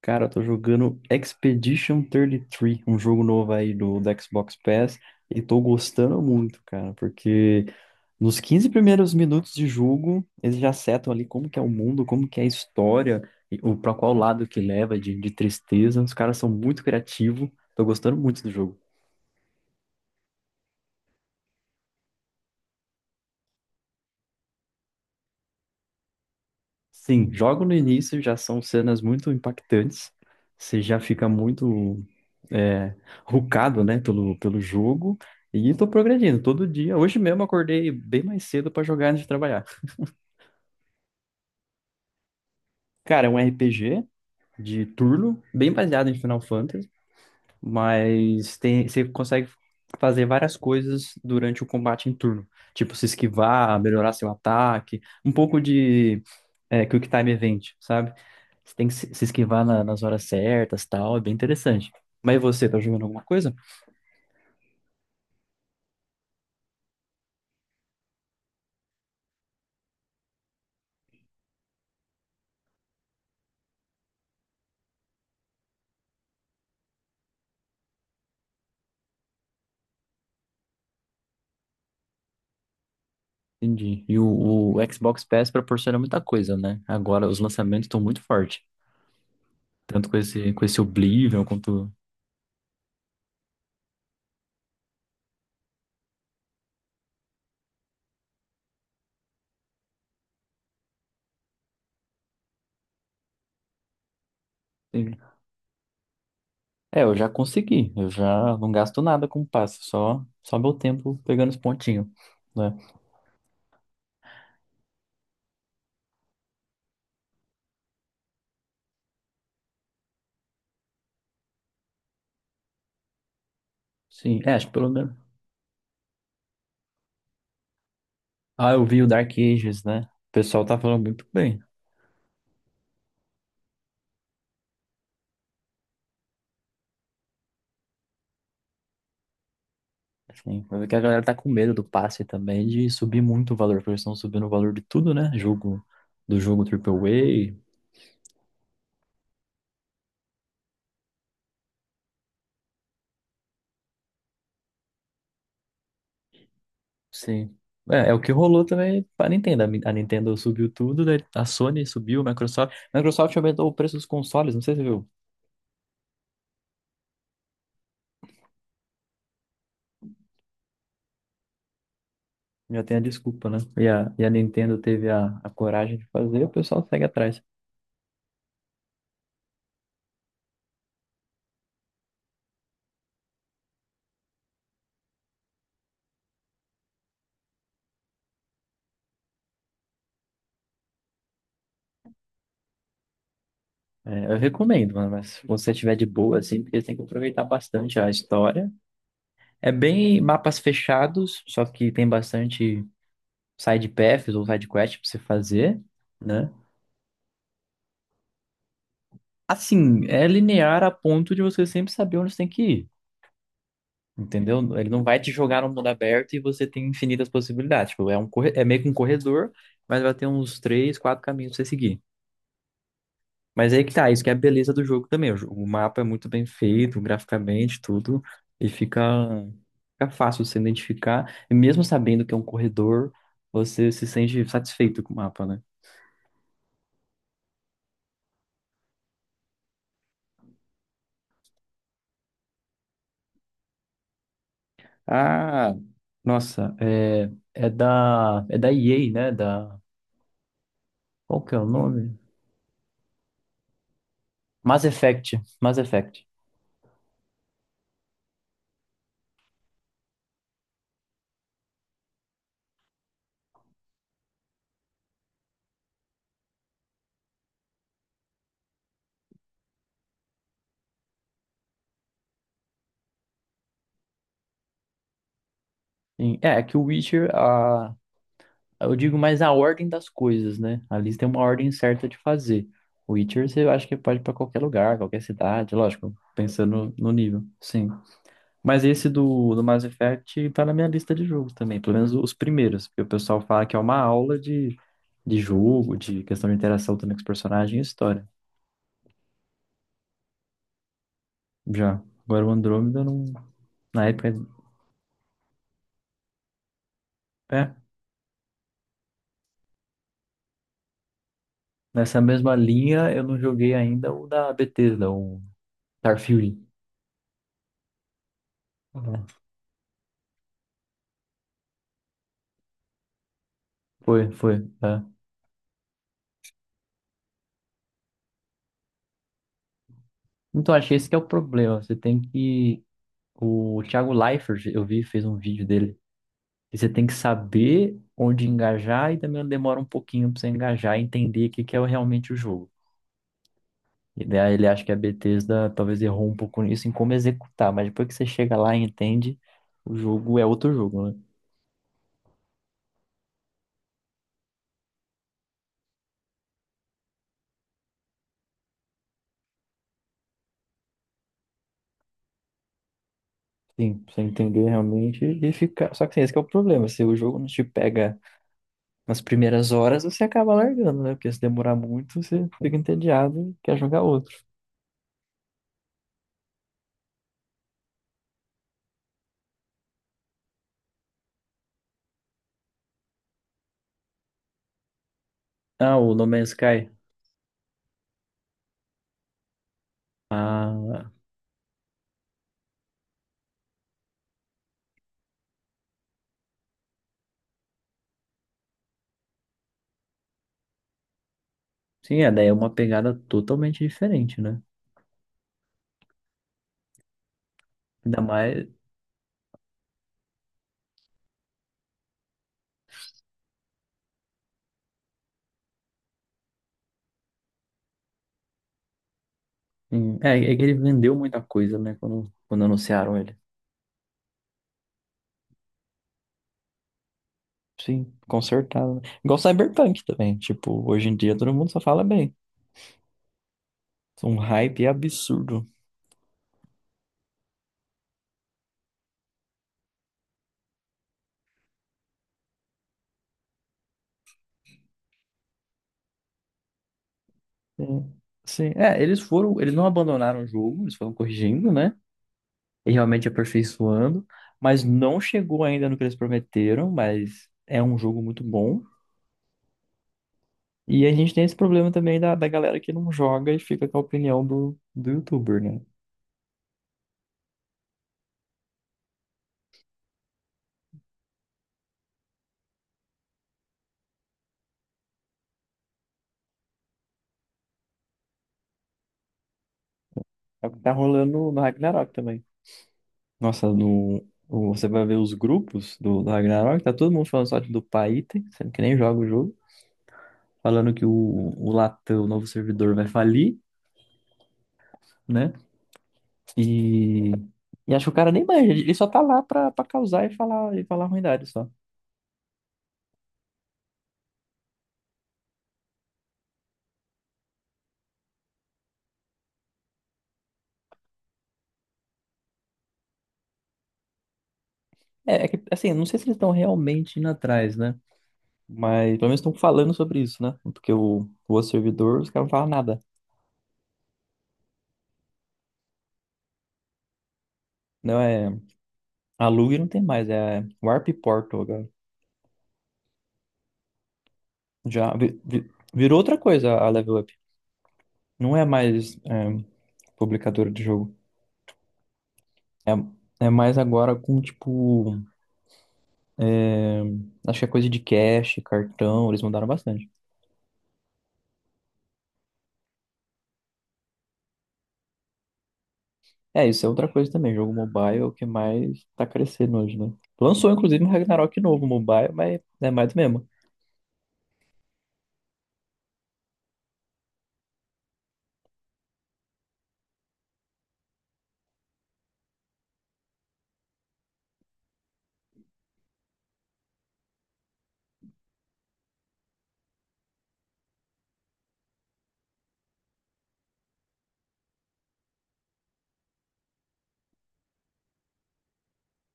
Cara, eu tô jogando Expedition 33, um jogo novo aí do Xbox Pass, e tô gostando muito, cara, porque nos 15 primeiros minutos de jogo, eles já setam ali como que é o mundo, como que é a história, e o para qual lado que leva de tristeza. Os caras são muito criativos, tô gostando muito do jogo. Sim, logo no início já são cenas muito impactantes. Você já fica muito é, rucado, né, pelo jogo. E tô progredindo todo dia. Hoje mesmo acordei bem mais cedo para jogar antes de trabalhar. Cara, é um RPG de turno, bem baseado em Final Fantasy, mas tem, você consegue fazer várias coisas durante o combate em turno. Tipo, se esquivar, melhorar seu ataque, um pouco de Quick Time Event, sabe? Você tem que se esquivar nas horas certas, tal, é bem interessante. Mas e você, tá jogando alguma coisa? Entendi. E o Xbox Pass proporciona muita coisa, né? Agora os lançamentos estão muito fortes. Tanto com esse Oblivion quanto. Sim. É, eu já consegui. Eu já não gasto nada com o passe, só meu tempo pegando os pontinhos, né? Sim, é, acho que pelo menos. Ah, eu vi o Dark Ages, né? O pessoal tá falando muito bem. Sim, mas é que a galera tá com medo do passe também de subir muito o valor, porque eles estão subindo o valor de tudo, né? Jogo, do jogo triple A sim. É, é o que rolou também para a Nintendo. A Nintendo subiu tudo, daí a Sony subiu, a Microsoft. A Microsoft aumentou o preço dos consoles, não sei se você viu. Já tem a desculpa, né? E e a Nintendo teve a coragem de fazer, o pessoal segue atrás. É, eu recomendo, mano, mas se você tiver de boa, assim, porque tem que aproveitar bastante a história. É bem mapas fechados, só que tem bastante side paths ou side quest pra você fazer, né? Assim, é linear a ponto de você sempre saber onde você tem que ir, entendeu? Ele não vai te jogar no mundo aberto e você tem infinitas possibilidades. Tipo, é meio que um corredor, mas vai ter uns três, quatro caminhos pra você seguir. Mas aí que tá, isso que é a beleza do jogo também. O mapa é muito bem feito, graficamente, tudo, e fica fácil você identificar. E mesmo sabendo que é um corredor, você se sente satisfeito com o mapa, né? Ah, nossa, é, é da EA, né? Da qual que é o nome? Mass Effect, Mass Effect. É, é que o Witcher, a, eu digo mais a ordem das coisas, né? Ali tem uma ordem certa de fazer. O Witcher, você acha que pode ir pra qualquer lugar, qualquer cidade, lógico, pensando no nível, sim. Mas esse do Mass Effect tá na minha lista de jogos também, pelo menos os primeiros, porque o pessoal fala que é uma aula de jogo, de questão de interação também com os personagens e história. Já. Agora o Andrômeda eu não. Na época. É. Nessa mesma linha eu não joguei ainda o da Bethesda, o Starfield. Uhum. Foi, foi. É. Então achei esse que é o problema. Você tem que. O Thiago Leifert, eu vi, fez um vídeo dele. E você tem que saber onde engajar e também demora um pouquinho pra você engajar e entender o que que é realmente o jogo. E daí ele acha que a Bethesda talvez errou um pouco nisso em como executar, mas depois que você chega lá e entende, o jogo é outro jogo, né? Sim, pra você entender realmente e ficar. Só que assim, esse que é o problema. Se o jogo não te pega nas primeiras horas, você acaba largando, né? Porque se demorar muito, você fica entediado e quer jogar outro. Ah, o No Man's Sky. Ah, sim, é, daí é uma pegada totalmente diferente, né? Ainda mais. É, é que ele vendeu muita coisa, né? Quando anunciaram ele. Sim, consertado, né? Igual Cyberpunk também. Tipo, hoje em dia todo mundo só fala bem. Um hype absurdo. Sim, sim. É, eles foram, eles não abandonaram o jogo, eles foram corrigindo, né? E realmente aperfeiçoando, mas não chegou ainda no que eles prometeram, mas é um jogo muito bom. E a gente tem esse problema também da galera que não joga e fica com a opinião do youtuber, né? É o que tá rolando no Ragnarok também. Nossa, no, o- você vai ver os grupos do Ragnarok, tá todo mundo falando só do Paiten, sendo que nem joga o jogo, falando que o Latam, o novo servidor, vai falir, né? E, e acho que o cara nem manja, ele só tá lá pra causar e falar ruindade só. É, é que, assim, eu não sei se eles estão realmente indo atrás, né? Mas pelo menos estão falando sobre isso, né? Porque o outro servidor, os caras não falam nada. Não é. A Lug não tem mais, é Warp Portal agora. Virou outra coisa a Level Up. Não é mais é, publicadora de jogo. É, é mais agora com, tipo. É, acho que é coisa de cache, cartão, eles mandaram bastante. É, isso é outra coisa também. Jogo mobile é o que mais tá crescendo hoje, né? Lançou, inclusive, um Ragnarok novo mobile, mas é mais do mesmo.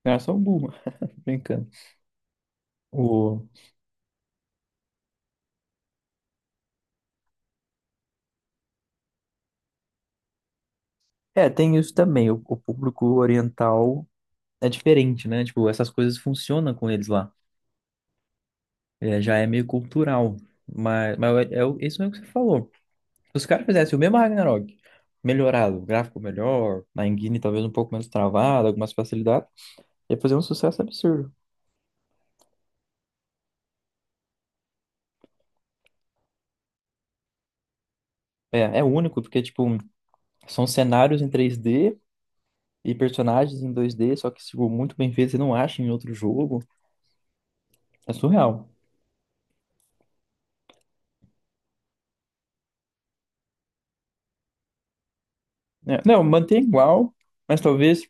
É só um boom, brincando. O... É, tem isso também. O público oriental é diferente, né? Tipo, essas coisas funcionam com eles lá. É, já é meio cultural. Mas isso é o que você falou. Se os caras fizessem o mesmo Ragnarok, melhorado, gráfico melhor, na engine talvez um pouco menos travado, algumas facilidades, ia fazer um sucesso absurdo. É, é único, porque, tipo, são cenários em 3D e personagens em 2D, só que tipo, muito bem feito, você não acha em outro jogo. É surreal. É, não, mantém igual, mas talvez.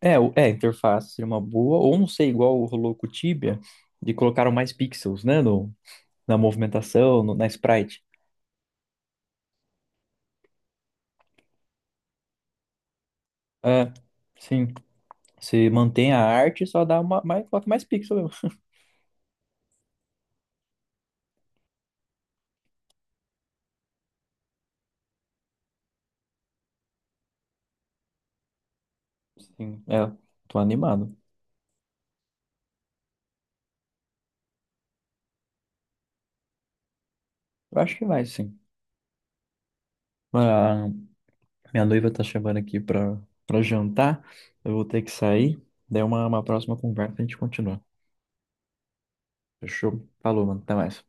É, a interface seria uma boa, ou não sei, igual rolou com o Tibia, de colocaram mais pixels, né, na movimentação, no- na sprite. É, sim, você mantém a arte, só dá uma, mais, coloca mais pixel mesmo. Sim, é, tô animado. Eu acho que vai, sim. Ah, minha noiva tá chamando aqui pra jantar. Eu vou ter que sair. Daí uma próxima conversa a gente continua. Fechou? Falou, mano. Até mais.